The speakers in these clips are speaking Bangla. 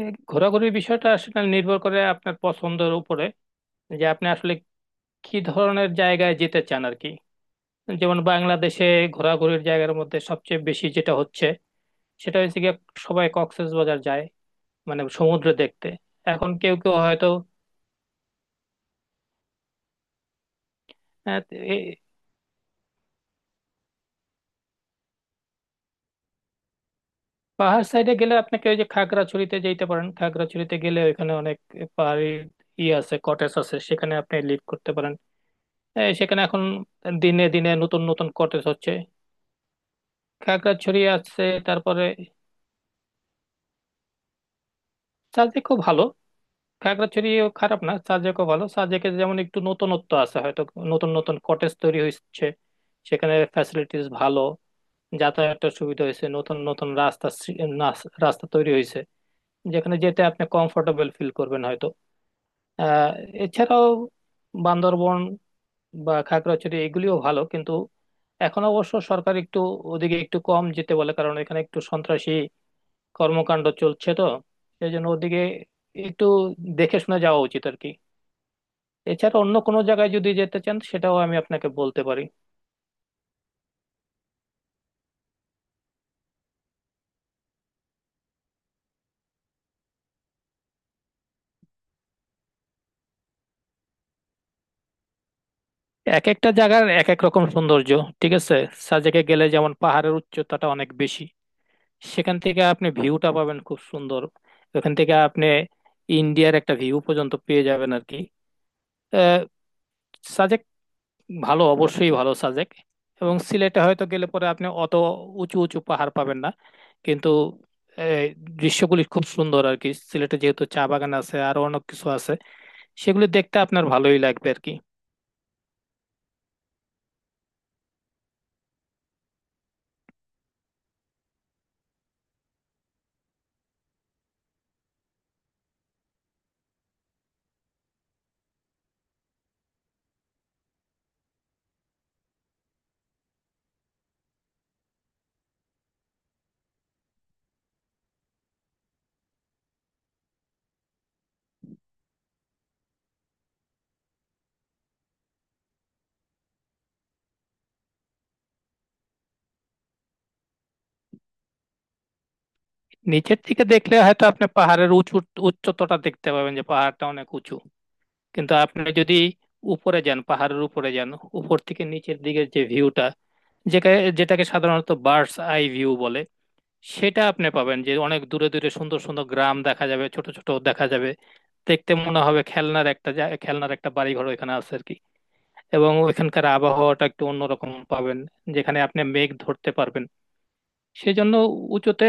এই ঘোরাঘুরির বিষয়টা আসলে নির্ভর করে আপনার পছন্দের উপরে যে আপনি আসলে কি ধরনের জায়গায় যেতে চান আর কি। যেমন বাংলাদেশে ঘোরাঘুরির জায়গার মধ্যে সবচেয়ে বেশি যেটা হচ্ছে সেটা হচ্ছে গিয়ে সবাই কক্সবাজার যায়, মানে সমুদ্র দেখতে। এখন কেউ কেউ হয়তো আহ, এই পাহাড় সাইডে গেলে আপনাকে ওই যে খাগড়াছড়িতে যেতে পারেন। খাগড়াছড়িতে গেলে ওইখানে অনেক পাহাড়ি ই আছে, কটেজ আছে, সেখানে আপনি লিড করতে পারেন। এই সেখানে এখন দিনে দিনে নতুন নতুন কটেজ হচ্ছে। খাগড়াছড়ি আছে, তারপরে সাজেক খুব ভালো। খাগড়াছড়িও খারাপ না, সাজেকও ভালো। সাজেকে যেমন একটু নতুনত্ব আছে, হয়তো নতুন নতুন কটেজ তৈরি হচ্ছে, সেখানে ফ্যাসিলিটিস ভালো, যাতায়াতের সুবিধা হয়েছে, নতুন নতুন রাস্তা রাস্তা তৈরি হয়েছে যেখানে যেতে আপনি কমফোর্টেবল ফিল করবেন হয়তো। আহ এছাড়াও বান্দরবন বা খাগড়াছড়ি এগুলিও ভালো, কিন্তু এখন অবশ্য সরকার একটু ওদিকে একটু কম যেতে বলে, কারণ এখানে একটু সন্ত্রাসী কর্মকাণ্ড চলছে, তো সেই জন্য ওদিকে একটু দেখে শুনে যাওয়া উচিত আর কি। এছাড়া অন্য কোনো জায়গায় যদি যেতে চান সেটাও আমি আপনাকে বলতে পারি। এক একটা জায়গার এক এক রকম সৌন্দর্য, ঠিক আছে। সাজেকে গেলে যেমন পাহাড়ের উচ্চতাটা অনেক বেশি, সেখান থেকে আপনি ভিউটা পাবেন খুব সুন্দর। ওখান থেকে আপনি ইন্ডিয়ার একটা ভিউ পর্যন্ত পেয়ে যাবেন আর কি। ভালো, অবশ্যই ভালো সাজেক। এবং সিলেটে হয়তো গেলে পরে আপনি অত উঁচু উঁচু পাহাড় পাবেন না, কিন্তু এই, দৃশ্যগুলি খুব সুন্দর আর কি। সিলেটে যেহেতু চা বাগান আছে, আরো অনেক কিছু আছে, সেগুলি দেখতে আপনার ভালোই লাগবে আর কি। নিচের দিকে দেখলে হয়তো আপনি পাহাড়ের উঁচু উচ্চতাটা দেখতে পাবেন যে পাহাড়টা অনেক উঁচু, কিন্তু আপনি যদি উপরে যান, পাহাড়ের উপরে যান, উপর থেকে নিচের দিকের যে ভিউটা, যেটাকে যেটাকে সাধারণত বার্ডস আই ভিউ বলে, সেটা আপনি পাবেন। যে অনেক দূরে দূরে সুন্দর সুন্দর গ্রাম দেখা যাবে, ছোট ছোট দেখা যাবে, দেখতে মনে হবে খেলনার একটা খেলনার একটা বাড়ি ঘর ওইখানে আছে আর কি। এবং ওইখানকার আবহাওয়াটা একটু অন্যরকম পাবেন, যেখানে আপনি মেঘ ধরতে পারবেন। সেজন্য উঁচুতে,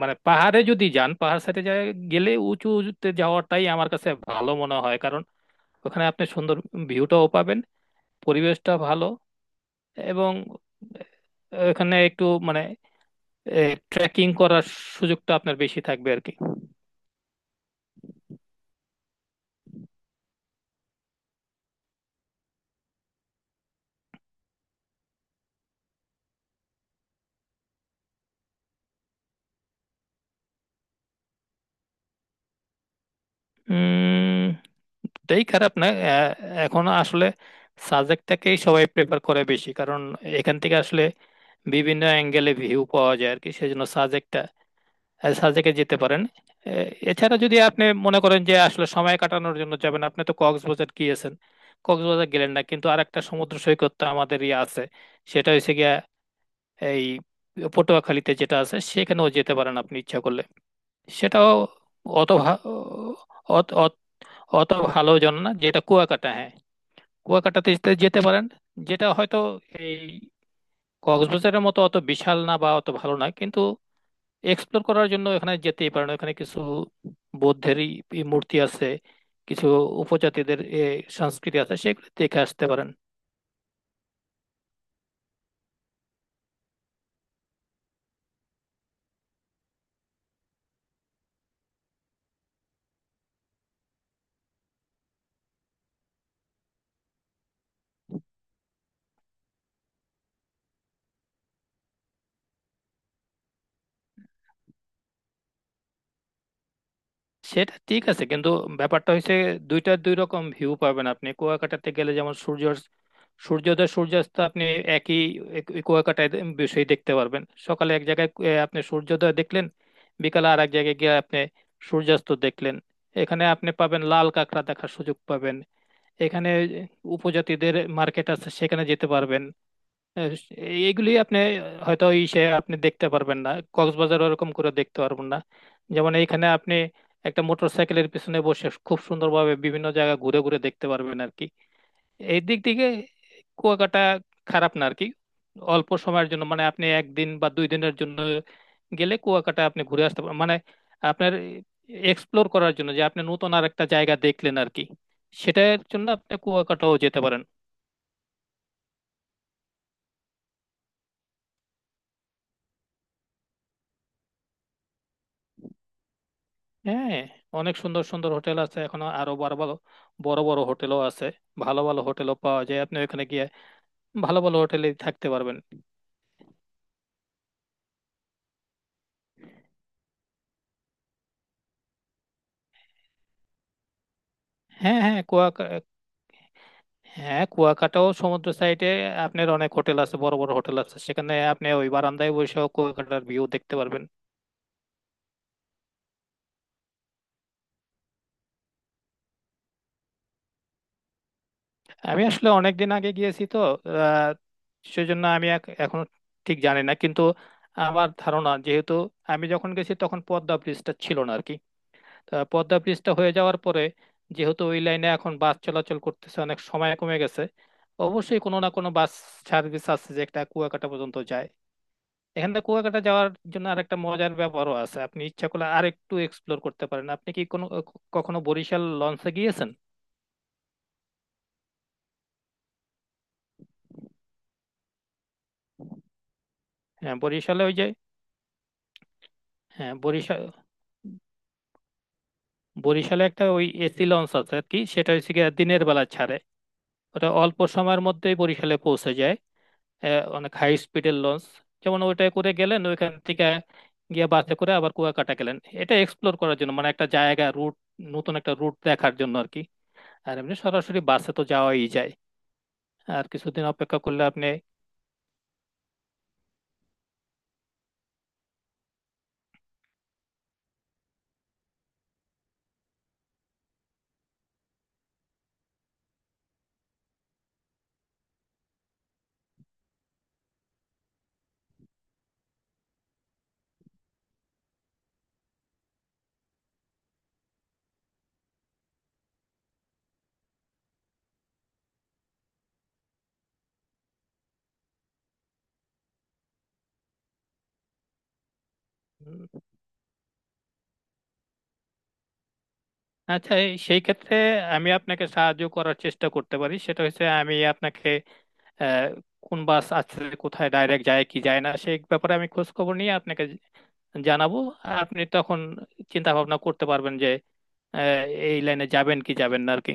মানে পাহাড়ে যদি যান, পাহাড় সাইডে গেলে উঁচুতে যাওয়াটাই আমার কাছে ভালো মনে হয়, কারণ ওখানে আপনি সুন্দর ভিউটাও পাবেন, পরিবেশটা ভালো, এবং এখানে একটু মানে ট্রেকিং করার সুযোগটা আপনার বেশি থাকবে আর কি। উম এটাই খারাপ না। এখন আসলে সাবজেক্টটাকেই সবাই প্রেফার করে বেশি, কারণ এখান থেকে আসলে বিভিন্ন অ্যাঙ্গেলে ভিউ পাওয়া যায় আর কি। সেজন্য সাবজেক্টে যেতে পারেন। এ, এছাড়া যদি আপনি মনে করেন যে আসলে সময় কাটানোর জন্য যাবেন, আপনি তো কক্সবাজার গিয়েছেন, কক্সবাজার গেলেন, না কিন্তু আরেকটা সমুদ্র সৈকত তো আমাদের ইয়ে আছে, সেটা হচ্ছে গিয়া এই পটুয়াখালীতে যেটা আছে, সেখানেও যেতে পারেন আপনি ইচ্ছা করলে। সেটাও অত ভা- অত অত ভালো জন না, যেটা কুয়াকাটা, হ্যাঁ। কুয়াকাটাতে যেতে যেতে পারেন, যেটা হয়তো এই কক্সবাজারের মতো অত বিশাল না বা অত ভালো না, কিন্তু এক্সপ্লোর করার জন্য এখানে যেতেই পারেন। এখানে কিছু বৌদ্ধেরই ই মূর্তি আছে, কিছু উপজাতিদের সংস্কৃতি আছে, সেগুলো দেখে আসতে পারেন। সেটা ঠিক আছে, কিন্তু ব্যাপারটা হচ্ছে দুইটার দুই রকম ভিউ পাবেন আপনি। কুয়াকাটাতে গেলে যেমন সূর্যোদয় সূর্যাস্ত আপনি একই ওই কুয়াকাটায় বিষয় দেখতে পারবেন। সকালে এক জায়গায় আপনি সূর্যোদয় দেখলেন, বিকালে আর এক জায়গায় গিয়ে আপনি সূর্যাস্ত দেখলেন। এখানে আপনি পাবেন, লাল কাঁকড়া দেখার সুযোগ পাবেন। এখানে উপজাতিদের মার্কেট আছে, সেখানে যেতে পারবেন। আহ, এইগুলি আপনি হয়তো ইসে আপনি দেখতে পারবেন না, কক্সবাজার ওরকম করে দেখতে পারবেন না। যেমন এইখানে আপনি একটা মোটর সাইকেলের পিছনে বসে খুব সুন্দরভাবে বিভিন্ন জায়গা ঘুরে ঘুরে দেখতে পারবেন আর কি। এই দিক থেকে কুয়াকাটা খারাপ না আর কি। অল্প সময়ের জন্য মানে আপনি একদিন বা 2 দিনের জন্য গেলে কুয়াকাটা আপনি ঘুরে আসতে পারবেন, মানে আপনার এক্সপ্লোর করার জন্য যে আপনি নতুন আর একটা জায়গা দেখলেন আর কি, সেটার জন্য আপনি কুয়াকাটাও যেতে পারেন। হ্যাঁ, অনেক সুন্দর সুন্দর হোটেল আছে এখন, আরো বড় ভালো বড় বড় হোটেলও আছে, ভালো ভালো হোটেলও পাওয়া যায়। আপনি ওখানে গিয়ে ভালো ভালো হোটেলে থাকতে পারবেন। হ্যাঁ হ্যাঁ কুয়াকা হ্যাঁ, কুয়াকাটাও সমুদ্র সাইডে আপনার অনেক হোটেল আছে, বড় বড় হোটেল আছে, সেখানে আপনি ওই বারান্দায় বসেও কুয়াকাটার ভিউ দেখতে পারবেন। আমি আসলে অনেক দিন আগে গিয়েছি তো, আহ সেজন্য আমি এখনো ঠিক জানি না, কিন্তু আমার ধারণা, যেহেতু আমি যখন গেছি তখন পদ্মা ব্রিজটা ছিল না আর কি, তা পদ্মা ব্রিজটা হয়ে যাওয়ার পরে যেহেতু ওই লাইনে এখন বাস চলাচল করতেছে, অনেক সময় কমে গেছে, অবশ্যই কোনো না কোনো বাস সার্ভিস আছে যে একটা কুয়াকাটা পর্যন্ত যায়। এখান থেকে কুয়াকাটা যাওয়ার জন্য আরেকটা মজার ব্যাপারও আছে, আপনি ইচ্ছা করলে আরেকটু এক্সপ্লোর করতে পারেন। আপনি কি কোনো কখনো বরিশাল লঞ্চে গিয়েছেন? হ্যাঁ বরিশালে ওই যে হ্যাঁ বরিশাল বরিশালে একটা ওই এসি লঞ্চ আছে আর কি, সেটা হচ্ছে গিয়ে দিনের বেলা ছাড়ে, ওটা অল্প সময়ের মধ্যেই বরিশালে পৌঁছে যায়। অনেক হাই স্পিডের লঞ্চ। যেমন ওইটা করে গেলেন, ওইখান থেকে গিয়ে বাসে করে আবার কুয়াকাটা গেলেন, এটা এক্সপ্লোর করার জন্য, মানে একটা জায়গা রুট, নতুন একটা রুট দেখার জন্য আর কি। আর এমনি সরাসরি বাসে তো যাওয়াই যায়। আর কিছুদিন অপেক্ষা করলে আপনি উম, আচ্ছা সেই ক্ষেত্রে আমি আপনাকে সাহায্য করার চেষ্টা করতে পারি। সেটা হচ্ছে আমি আপনাকে আহ, কোন বাস আছে, কোথায় ডাইরেক্ট যায় কি যায় না, সেই ব্যাপারে আমি খোঁজ খবর নিয়ে আপনাকে জানাবো। আর আপনি তখন চিন্তা ভাবনা করতে পারবেন যে আহ, এই লাইনে যাবেন কি যাবেন না আর কি।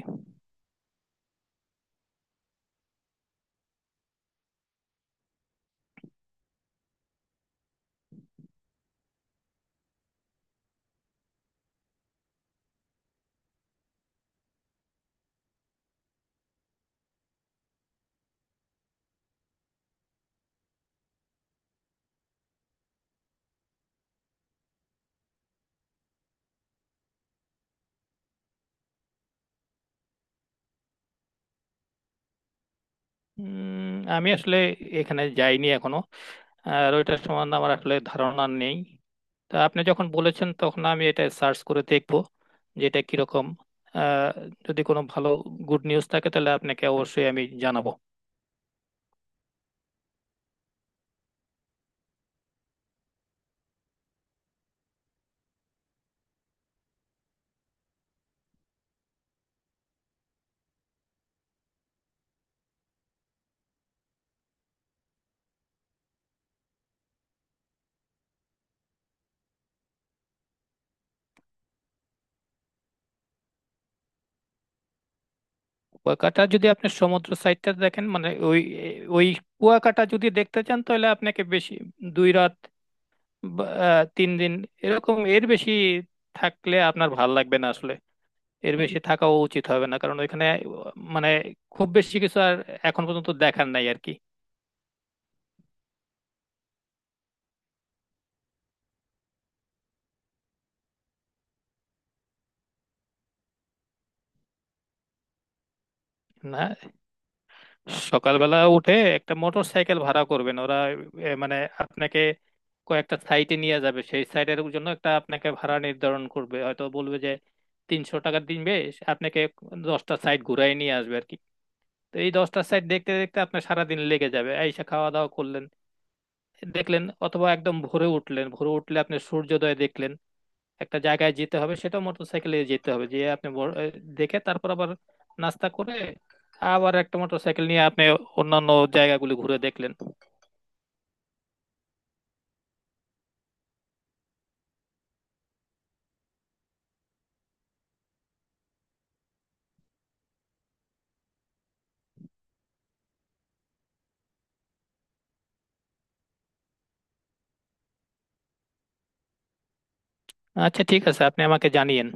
আমি আসলে এখানে যাইনি এখনো, আর ওইটার সম্বন্ধে আমার আসলে ধারণা নেই। তা আপনি যখন বলেছেন তখন আমি এটা সার্চ করে দেখবো যে এটা কিরকম। আহ, যদি কোনো ভালো গুড নিউজ থাকে তাহলে আপনাকে অবশ্যই আমি জানাবো। কুয়াকাটা যদি আপনি সমুদ্র সাইডটা দেখেন, মানে ওই ওই কুয়াকাটা যদি দেখতে চান, তাহলে আপনাকে বেশি 2 রাত বা, 3 দিন, এরকম, এর বেশি থাকলে আপনার ভাল লাগবে না আসলে। এর বেশি থাকাও উচিত হবে না, কারণ ওইখানে মানে খুব বেশি কিছু আর এখন পর্যন্ত দেখার নাই আর কি। না, সকালবেলা উঠে একটা মোটর সাইকেল ভাড়া করবেন, ওরা মানে আপনাকে কয়েকটা সাইটে নিয়ে যাবে, সেই সাইটের জন্য একটা আপনাকে ভাড়া নির্ধারণ করবে, হয়তো বলবে যে 300 টাকা দিনবে, আপনাকে 10টা সাইট ঘুরাই নিয়ে আসবে আর কি। তো এই 10টা সাইট দেখতে দেখতে আপনার সারাদিন লেগে যাবে। আইসা খাওয়া দাওয়া করলেন, দেখলেন, অথবা একদম ভোরে উঠলেন, ভোরে উঠলে আপনি সূর্যোদয় দেখলেন, একটা জায়গায় যেতে হবে, সেটাও মোটরসাইকেলে যেতে হবে যে আপনি দেখে, তারপর আবার নাস্তা করে আবার একটা মোটরসাইকেল নিয়ে আপনি অন্যান্য জায়গাগুলি ঘুরে দেখলেন। আচ্ছা, ঠিক আছে, আপনি আমাকে জানিয়েন।